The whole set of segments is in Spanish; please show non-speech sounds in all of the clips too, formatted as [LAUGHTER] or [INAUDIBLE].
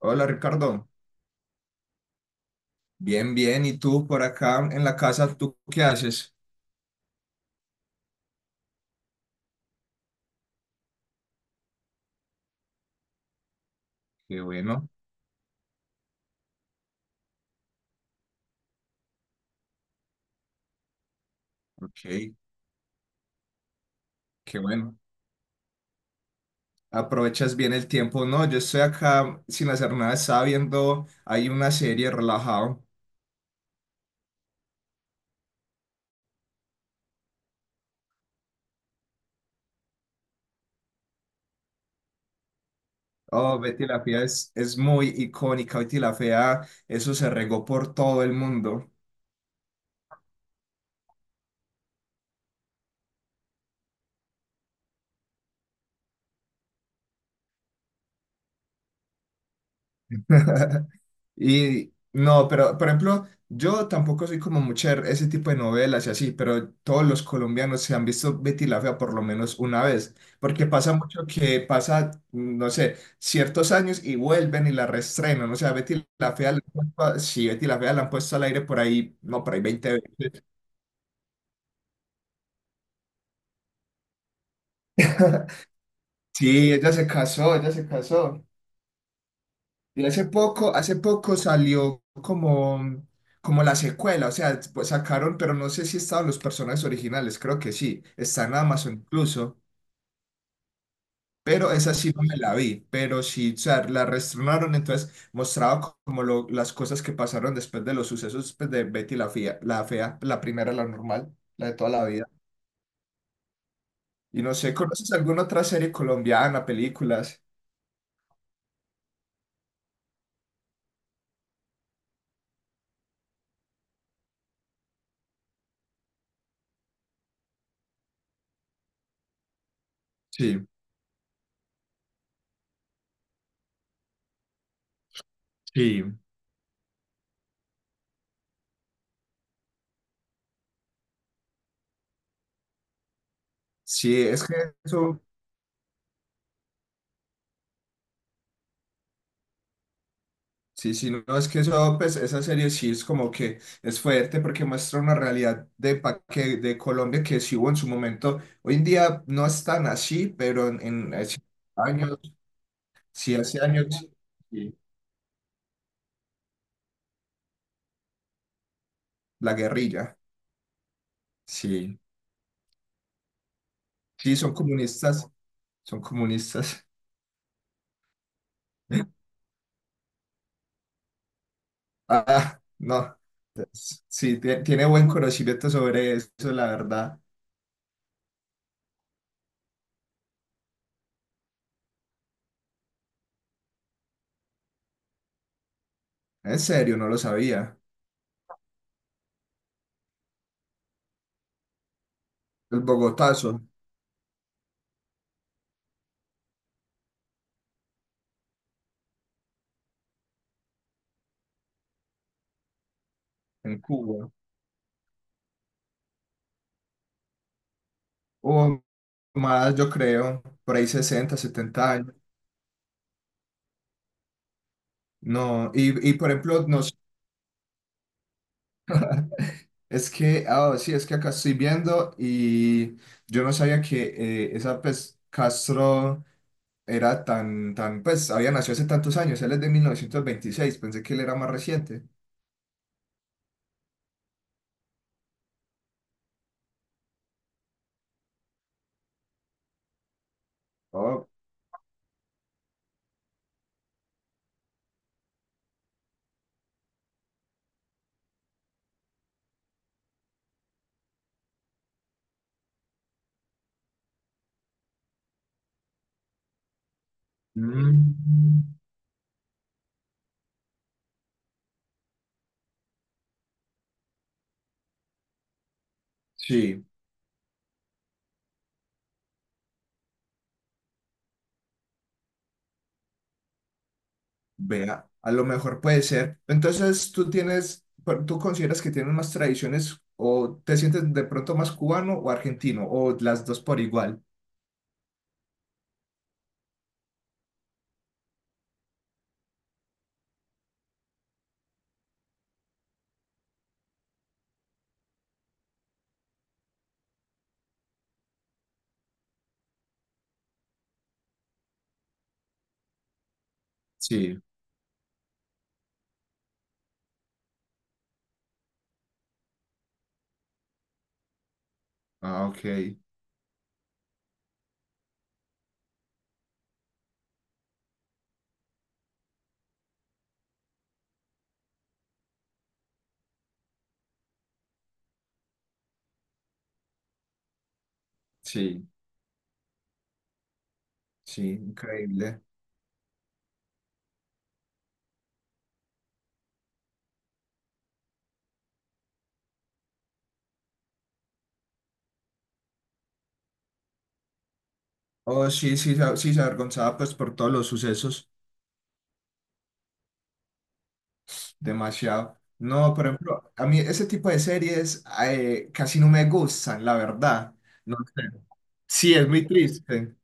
Hola Ricardo, bien, bien. ¿Y tú por acá en la casa, tú qué haces? Qué bueno, ok, qué bueno. Aprovechas bien el tiempo. No, yo estoy acá sin hacer nada, estaba viendo, hay una serie relajado. Oh, Betty la Fea es muy icónica, Betty la Fea, eso se regó por todo el mundo. [LAUGHS] Y no, pero por ejemplo, yo tampoco soy como mucho de ese tipo de novelas y así, pero todos los colombianos se han visto Betty la Fea por lo menos una vez, porque pasa mucho que pasa, no sé, ciertos años y vuelven y la reestrenan, o sea, Betty la Fea, la han puesto a- sí, Betty la Fea la han puesto al aire por ahí, no, por ahí 20 veces. [LAUGHS] Sí, ella se casó, ella se casó. Y hace poco salió como, como la secuela, o sea, pues sacaron, pero no sé si estaban los personajes originales, creo que sí, está en Amazon incluso, pero esa sí no me la vi, pero sí, o sea, la reestrenaron, entonces mostraba como las cosas que pasaron después de los sucesos pues, de Betty la Fea, la fea, la primera, la normal, la de toda la vida. Y no sé, ¿conoces alguna otra serie colombiana, películas? Sí, sí. Sí, es que eso Sí, sí, no, es que eso, pues, esa serie sí es como que es fuerte porque muestra una realidad de, de Colombia que sí hubo en su momento. Hoy en día no es tan así, pero en años, sí, hace años, sí, la guerrilla, sí, sí, son comunistas, son comunistas. [LAUGHS] Ah, no, sí, tiene buen conocimiento sobre eso, la verdad. En serio, no lo sabía. El Bogotazo en Cuba. O más, yo creo, por ahí 60 70 años. No, y por ejemplo, no, sé, es que, ah, sí, es que acá estoy viendo y yo no sabía que esa, pues, Castro era tan, tan, pues, había nacido hace tantos años, él es de 1926, pensé que él era más reciente. Oh. Mm. Sí. Vea, a lo mejor puede ser. Entonces, tú tienes, pero tú consideras que tienes más tradiciones o te sientes de pronto más cubano o argentino o las dos por igual. Sí, ah, ok, sí, sí, increíble. Oh, sí, sí, sí, se avergonzaba pues por todos los sucesos, demasiado. No, por ejemplo, a mí ese tipo de series casi no me gustan, la verdad. No sé. Sí, es muy triste.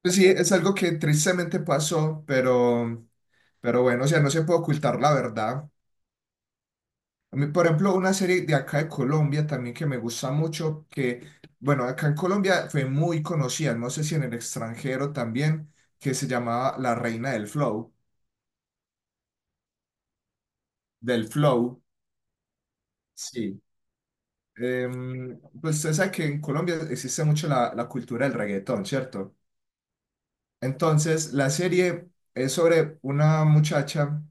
Pues sí, es algo que tristemente pasó, pero... Pero bueno, o sea, no se puede ocultar la verdad. A mí, por ejemplo, una serie de acá de Colombia también que me gusta mucho, que, bueno, acá en Colombia fue muy conocida, no sé si en el extranjero también, que se llamaba La Reina del Flow, del Flow. Sí. Pues usted sabe que en Colombia existe mucho la cultura del reggaetón, ¿cierto? Entonces, la serie es sobre una muchacha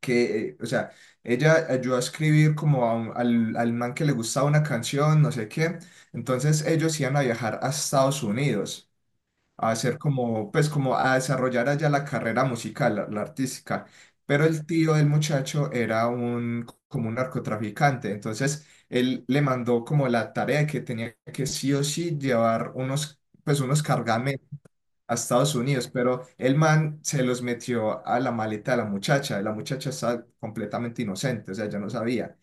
que, o sea, ella ayudó a escribir como a al, al man que le gustaba una canción, no sé qué. Entonces ellos iban a viajar a Estados Unidos a hacer como, pues como a desarrollar allá la carrera musical, la artística. Pero el tío del muchacho era un, como un narcotraficante. Entonces él le mandó como la tarea de que tenía que sí o sí llevar unos, pues unos cargamentos a Estados Unidos, pero el man se los metió a la maleta de la muchacha. La muchacha estaba completamente inocente, o sea, ya no sabía.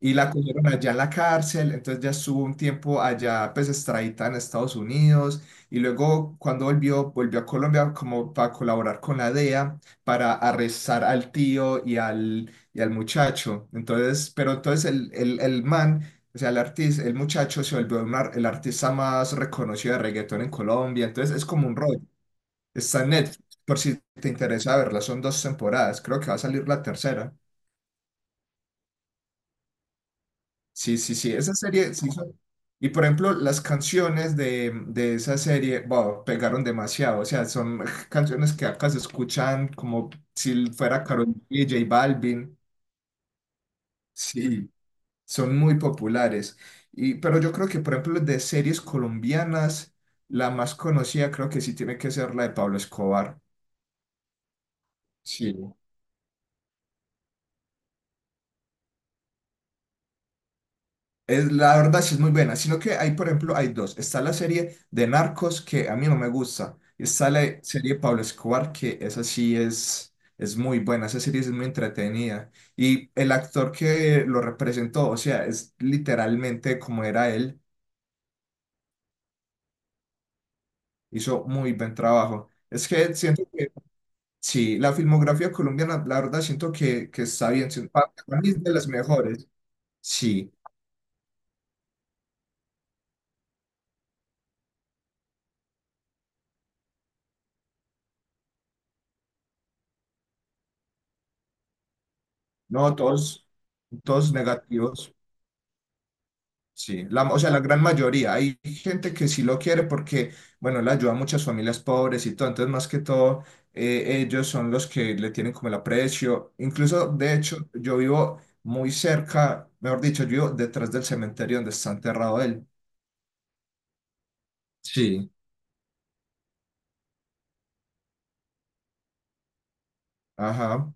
Y la cogieron allá en la cárcel, entonces ya estuvo un tiempo allá, pues extradita en Estados Unidos. Y luego, cuando volvió, volvió a Colombia como para colaborar con la DEA para arrestar al tío y al muchacho. Entonces, pero entonces el man. O sea, el artista, el muchacho se volvió un el artista más reconocido de reggaetón en Colombia. Entonces es como un rollo. Está en Netflix, por si te interesa verla. Son 2 temporadas, creo que va a salir la tercera. Sí, sí, sí, esa serie sí son- Y por ejemplo, las canciones de esa serie, wow, pegaron demasiado. O sea, son canciones que acá se escuchan como si fuera Karol G, J Balvin. Sí, son muy populares. Y, pero yo creo que, por ejemplo, de series colombianas, la más conocida creo que sí tiene que ser la de Pablo Escobar. Sí. Es, la verdad sí es muy buena, sino que hay, por ejemplo, hay dos. Está la serie de Narcos que a mí no me gusta. Y está la serie de Pablo Escobar que esa sí es muy buena, esa serie sí es muy entretenida. Y el actor que lo representó, o sea, es literalmente como era él, hizo muy buen trabajo. Es que siento que, sí, la filmografía colombiana, la verdad siento que está bien, para mí es de las mejores. Sí, no, todos, todos negativos. Sí, la, o sea, la gran mayoría. Hay gente que sí lo quiere porque, bueno, le ayuda a muchas familias pobres y todo. Entonces, más que todo, ellos son los que le tienen como el aprecio. Incluso, de hecho, yo vivo muy cerca, mejor dicho, yo vivo detrás del cementerio donde está enterrado él. Sí, ajá.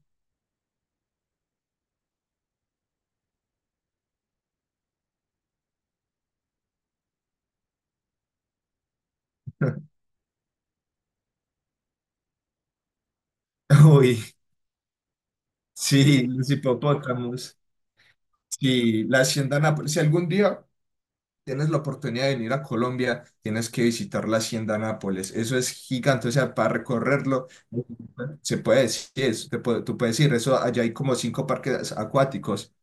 [LAUGHS] Uy, sí, los hipopótamos. Sí, la hacienda Nápoles. Si algún día tienes la oportunidad de venir a Colombia, tienes que visitar la Hacienda Nápoles. Eso es gigante, o sea, para recorrerlo, se puede decir, eso, tú puedes ir, eso, allá hay como 5 parques acuáticos.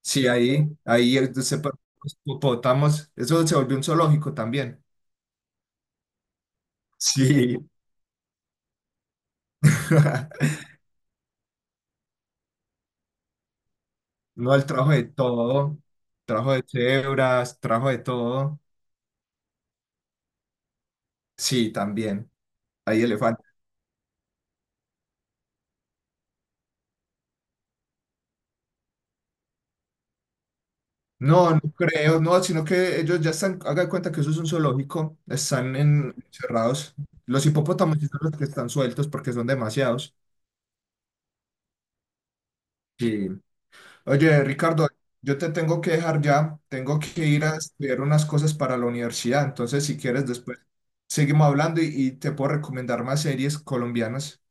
Sí, ahí, ahí es donde se hipopótamos, eso se volvió un zoológico también. Sí. [LAUGHS] No, el trajo de todo, trajo de cebras, trajo de todo. Sí, también. Hay elefantes. No, no creo, no, sino que ellos ya están, haga de cuenta que eso es un zoológico, están en, encerrados. Los hipopótamos sí son los que están sueltos porque son demasiados. Sí. Oye, Ricardo, yo te tengo que dejar ya, tengo que ir a estudiar unas cosas para la universidad, entonces si quieres después seguimos hablando y te puedo recomendar más series colombianas.